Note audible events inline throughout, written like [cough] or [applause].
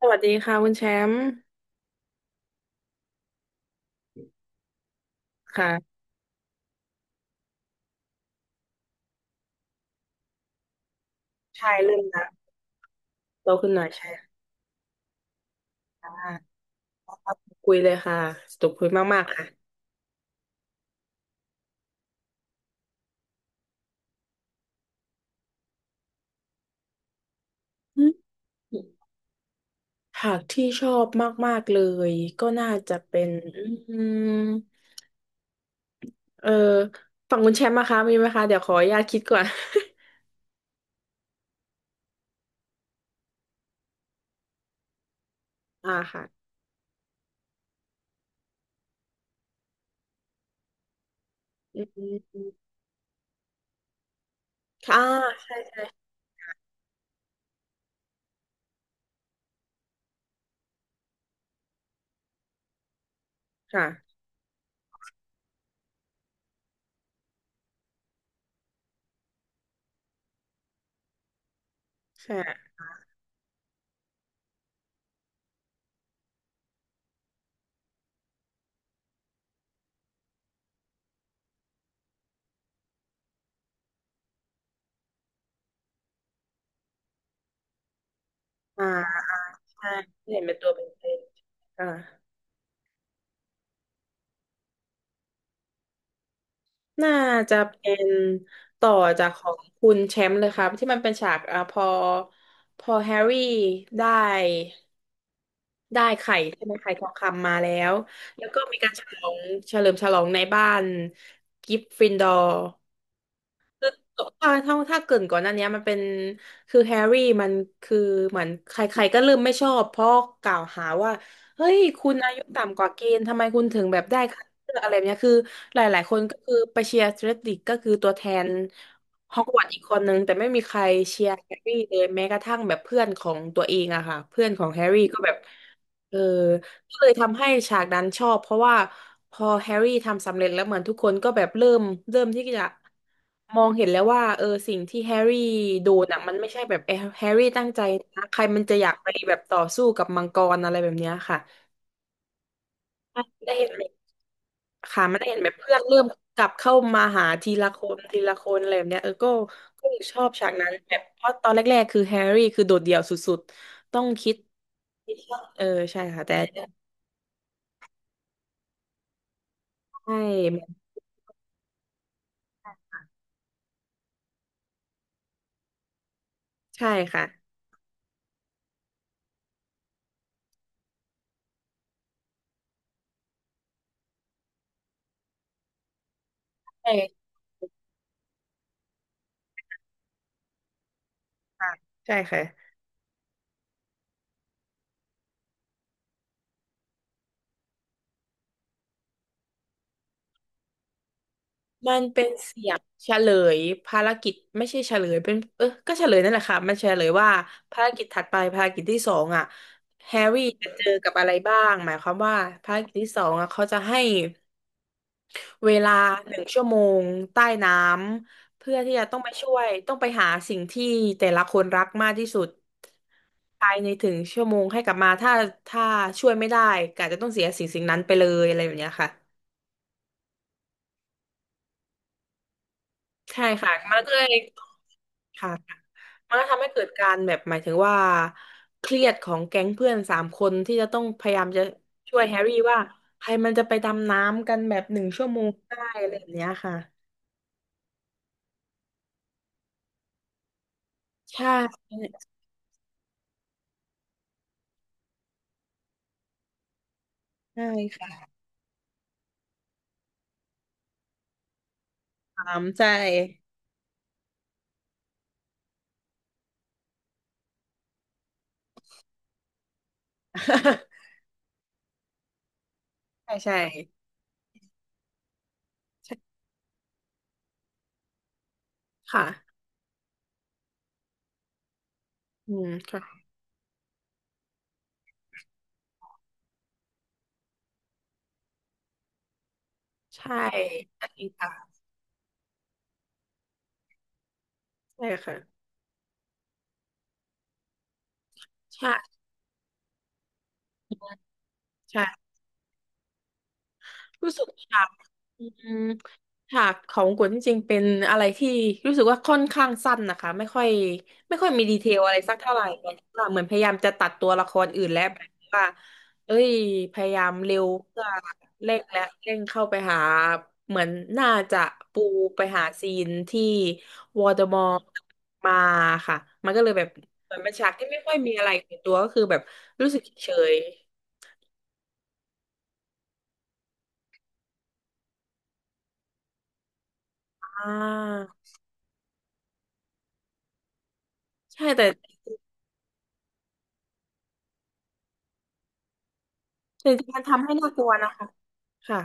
สวัสดีค่ะคุณแชมป์ค่ะใช่เริ่มละโตขึ้นหน่อยใช่ค่ะคุยเลยค่ะสนุกคุยมากๆค่ะอืมหากที่ชอบมากๆเลยก็น่าจะเป็นอืมเออฝั่งคุณแชมป์นะคะมีไหมคะเดี๋ยวขออนุญาตคิดก่อน [laughs] อ่าค่ะอืมค่ะอ่าใช่ค่ะใช่อ่าใช่เห็นเป็นตัวเป็นเองค่ะ น่าจะเป็นต่อจากของคุณแชมป์เลยครับที่มันเป็นฉากอ่ะพอแฮร์รี่ได้ได้ไข่ใช่ไหมไข่ทองคำมาแล้วแล้วก็มีการฉลองเฉลิมฉลองในบ้านกริฟฟินดอร์ ถ้าถถ้าเกรินก่อนหน้านี้มันเป็นคือแฮร์รี่มันคือเหมือนใครๆก็เริ่มไม่ชอบเพราะกล่าวหาว่าเฮ้ยคุณอายุต่ำกว่าเกณฑ์ทำไมคุณถึงแบบได้คัดเลือกอะไรแบบเนี้ยคือหลายๆคนก็คือไปเชียร์เดรดดิกก็คือตัวแทนฮอกวอตส์อีกคนนึงแต่ไม่มีใครเชียร์แฮร์รี่เลยแม้กระทั่งแบบเพื่อนของตัวเองอะค่ะเพื่อนของแฮร์รี่ก็แบบเออ ก็เลยทำให้ฉากนั้นชอบเพราะว่าพอแฮร์รี่ทำสำเร็จแล้วเหมือนทุกคนก็แบบเริ่มที่จะมองเห็นแล้วว่าเออสิ่งที่แฮร์รี่โดนอ่ะมันไม่ใช่แบบแฮร์รี่ตั้งใจนะใครมันจะอยากไปแบบต่อสู้กับมังกรอะไรแบบเนี้ยค่ะได้เห็นแบบค่ะมันได้เห็นแบบเพื่อนเริ่มกลับเข้ามาหาทีละคนทีละคนอะไรแบบเนี้ยเออก็ก็ชอบฉากนั้นแบบเพราะตอนแรกๆคือแฮร์รี่คือโดดเดี่ยวสุดๆต้องคิดเออใช่ค่ะแต่ใช่ใช่ค่ะ ค่ะใช่ค่ะมันเป็นเสียงเฉลยภารกิจไม่ใช่เฉลยเป็นเออก็เฉลยนั่นแหละค่ะมันเฉลยว่าภารกิจถัดไปภารกิจที่สองอ่ะแฮร์รี่จะเจอกับอะไรบ้างหมายความว่าภารกิจที่สองอ่ะเขาจะให้เวลาหนึ่งชั่วโมงใต้น้ำเพื่อที่จะต้องไปช่วยต้องไปหาสิ่งที่แต่ละคนรักมากที่สุดภายในถึงชั่วโมงให้กลับมาถ้าช่วยไม่ได้ก็อาจจะต้องเสียสิ่งสิ่งนั้นไปเลยอะไรแบบเนี้ยค่ะใช่ค่ะมันก็เลย ค่ะมันก็ทำให้เกิดการแบบหมายถึงว่าเครียดของแก๊งเพื่อนสามคนที่จะต้องพยายามจะช่วยแฮร์รี่ว่าใครมันจะไปดำน้ำกันแบบหนึ่งชั่วโมงได้อะไรแบบเนี้ยค่ะใช่ใช่ค่ะถามใช่ [laughs] ใช่ใช่ใช่ค่ะอืมค่ะใช่ใช่ค่ะใช่ค่ะใช่ใช่ รู้สึกฉากอืมฉากของกุนจริงๆเป็นอะไรที่รู้สึกว่าค่อนข้างสั้นนะคะไม่ค่อยมีดีเทลอะไรสักเท่าไหร่เหมือนว่าเหมือนพยายามจะตัดตัวละครอื่นแล้วแบบว่าเอ้ยพยายามเร็วเพื่อเร่งและเร่งเข้าไปหาเหมือนน่าจะปูไปหาซีนที่วอร์ดอมอร์มาค่ะมันก็เลยแบบเหมือนเป็นฉากที่ไม่ค่อยมีอะไรในตัวก็คือแบบรู้สึกเฉยๆอ่าใช่แต่ จริงๆมันทำให้น่ากลัวนะคะ ค่ะ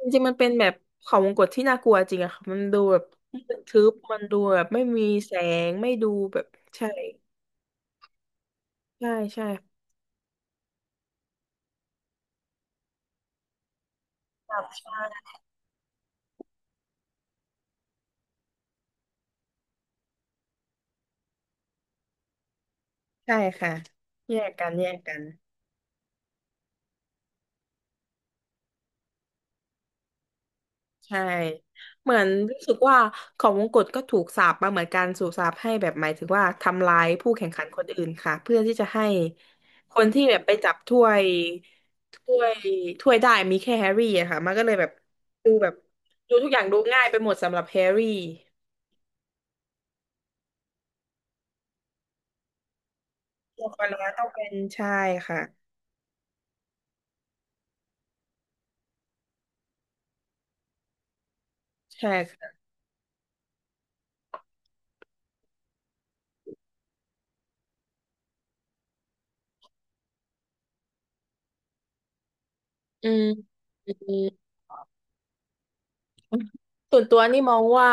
จริงๆมันเป็นแบบเขาวงกตที่น่ากลัวจริงอะค่ะมันดูแบบทึบมันดูแบบไม่มีแสง ไม่ดูแบบใช่ ใช่ใช่ครับใช่ใช่ค่ะ แยกกันแยกกัน ใช่เหมือนรู้สึกว่าของมงกุฎก็ถูกสาปมาเหมือนกันสูบสาปให้แบบหมายถึงว่าทำร้ายผู้แข่งขันคนอื่นค่ะเพื่อที่จะให้คนที่แบบไปจับถ้วยถ้วยถ้วยได้มีแค่แฮร์รี่อะค่ะมันก็เลยแบบดูแบบดูทุกอย่างดูง่ายไปหมดสำหรับแฮร์รี่ตัวคนแล้วต้องเป็นใช่ค่ะใช่ค่ะอืม ส่วนตัวนี่มองว่า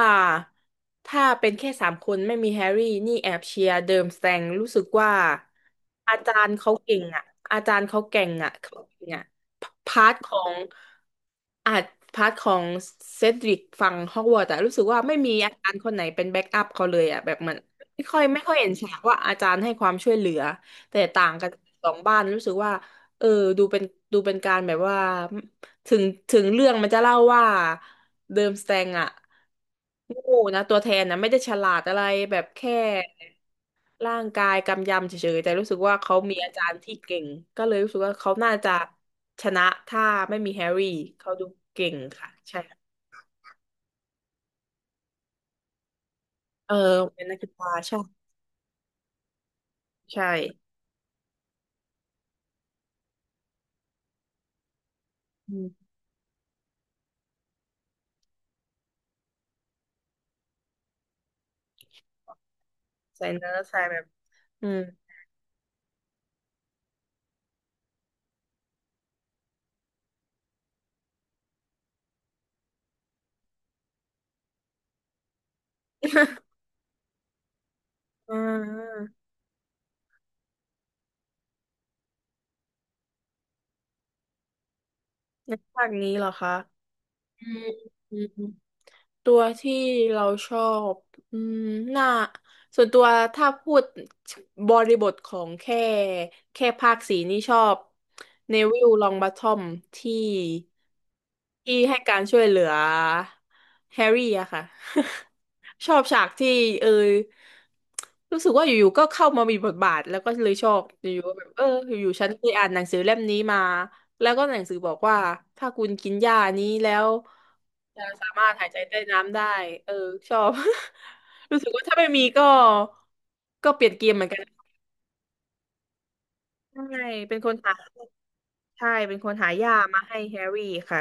ถ้าเป็นแค่สามคนไม่มีแฮร์รี่นี่แอบเชียร์เดิมสแตงรู้สึกว่าอาจารย์เขาเก่งอ่ะอาจารย์เขาเก่งอ่ะเขาเก่งอ่ะพาร์ทของอาจพาร์ทของเซดริกฝั่งฮอกวอตส์แต่รู้สึกว่าไม่มีอาจารย์คนไหนเป็นแบ็กอัพเขาเลยอ่ะแบบเหมือนไม่ค่อยเห็นฉากว่าอาจารย์ให้ความช่วยเหลือแต่ต่างกันสองบ้านรู้สึกว่าเออดูเป็นดูเป็นการแบบว่า ถึงถึงเรื่องมันจะเล่าว่าเดิมสแตงอะโง่นะตัวแทนนะไม่ได้ฉลาดอะไรแบบแค่ร่างกายกำยำเฉยๆแต่รู้สึกว่าเขามีอาจารย์ที่เก่งก็เลยรู้สึกว่าเขาน่าจะชนะถ้าไม่มีแฮร์รี่เขาดูเก่งค่ะใช่เออเป็นนักกีฬาใช่ใช่อืมใส่เนื้อใส่แบบอืม [laughs] อ่าในภาคนี้เหรอคะอืมอืม ตัวที่เราชอบอืมน่าส่วนตัวถ้าพูดบริบทของแค่ภาคสีนี่ชอบเนวิลลองบ o ทอมที่ที่ให้การช่วยเหลือแฮร์รี่อะค่ะ [laughs] ชอบฉากที่เออรู้สึกว่าอยู่ๆก็เข้ามามีบทบาทแล้วก็เลยชอบอยู่ๆก็แบบเอออยู่ๆฉันเคยอ่านหนังสือเล่มนี้มาแล้วก็หนังสือบอกว่าถ้าคุณกินยานี้แล้ว จะสามารถหายใจใต้น้ำได้ เออชอบ [laughs] รู้สึกว่าถ้าไม่มีก็ก็เปลี่ยนเกมเหมือนกัน ใช่ เป็นคนหาใช่เป็นคนหายามาให้แฮร์รี่ค่ะ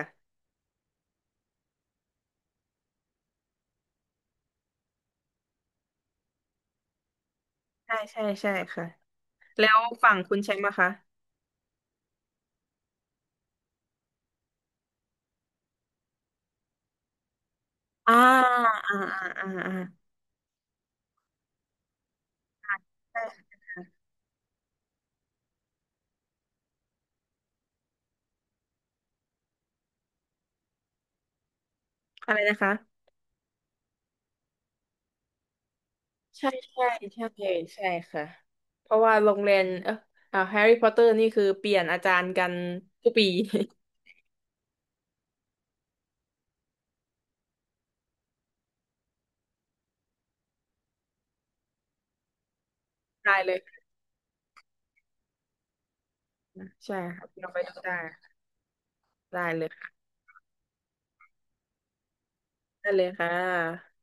ใช่ ใช่ ใช่ค่ะ แล้วฝั่งคุณแชมป์อะคะ อ่า อ่า อ่า อ่าอ่าใช่อะไรนะคะใช่ ใช่ ใช่ ใช่ค่ะ เพราะว่าโรงเรียนแฮร์รี่พอตเตอร์นี่คือเปลี่ยนอาจารย์กันทุกปี [laughs] ได้เลยค่ะใช่ค่ะเราไปดูได้ได้เลยค่ะได้เลยค่ะ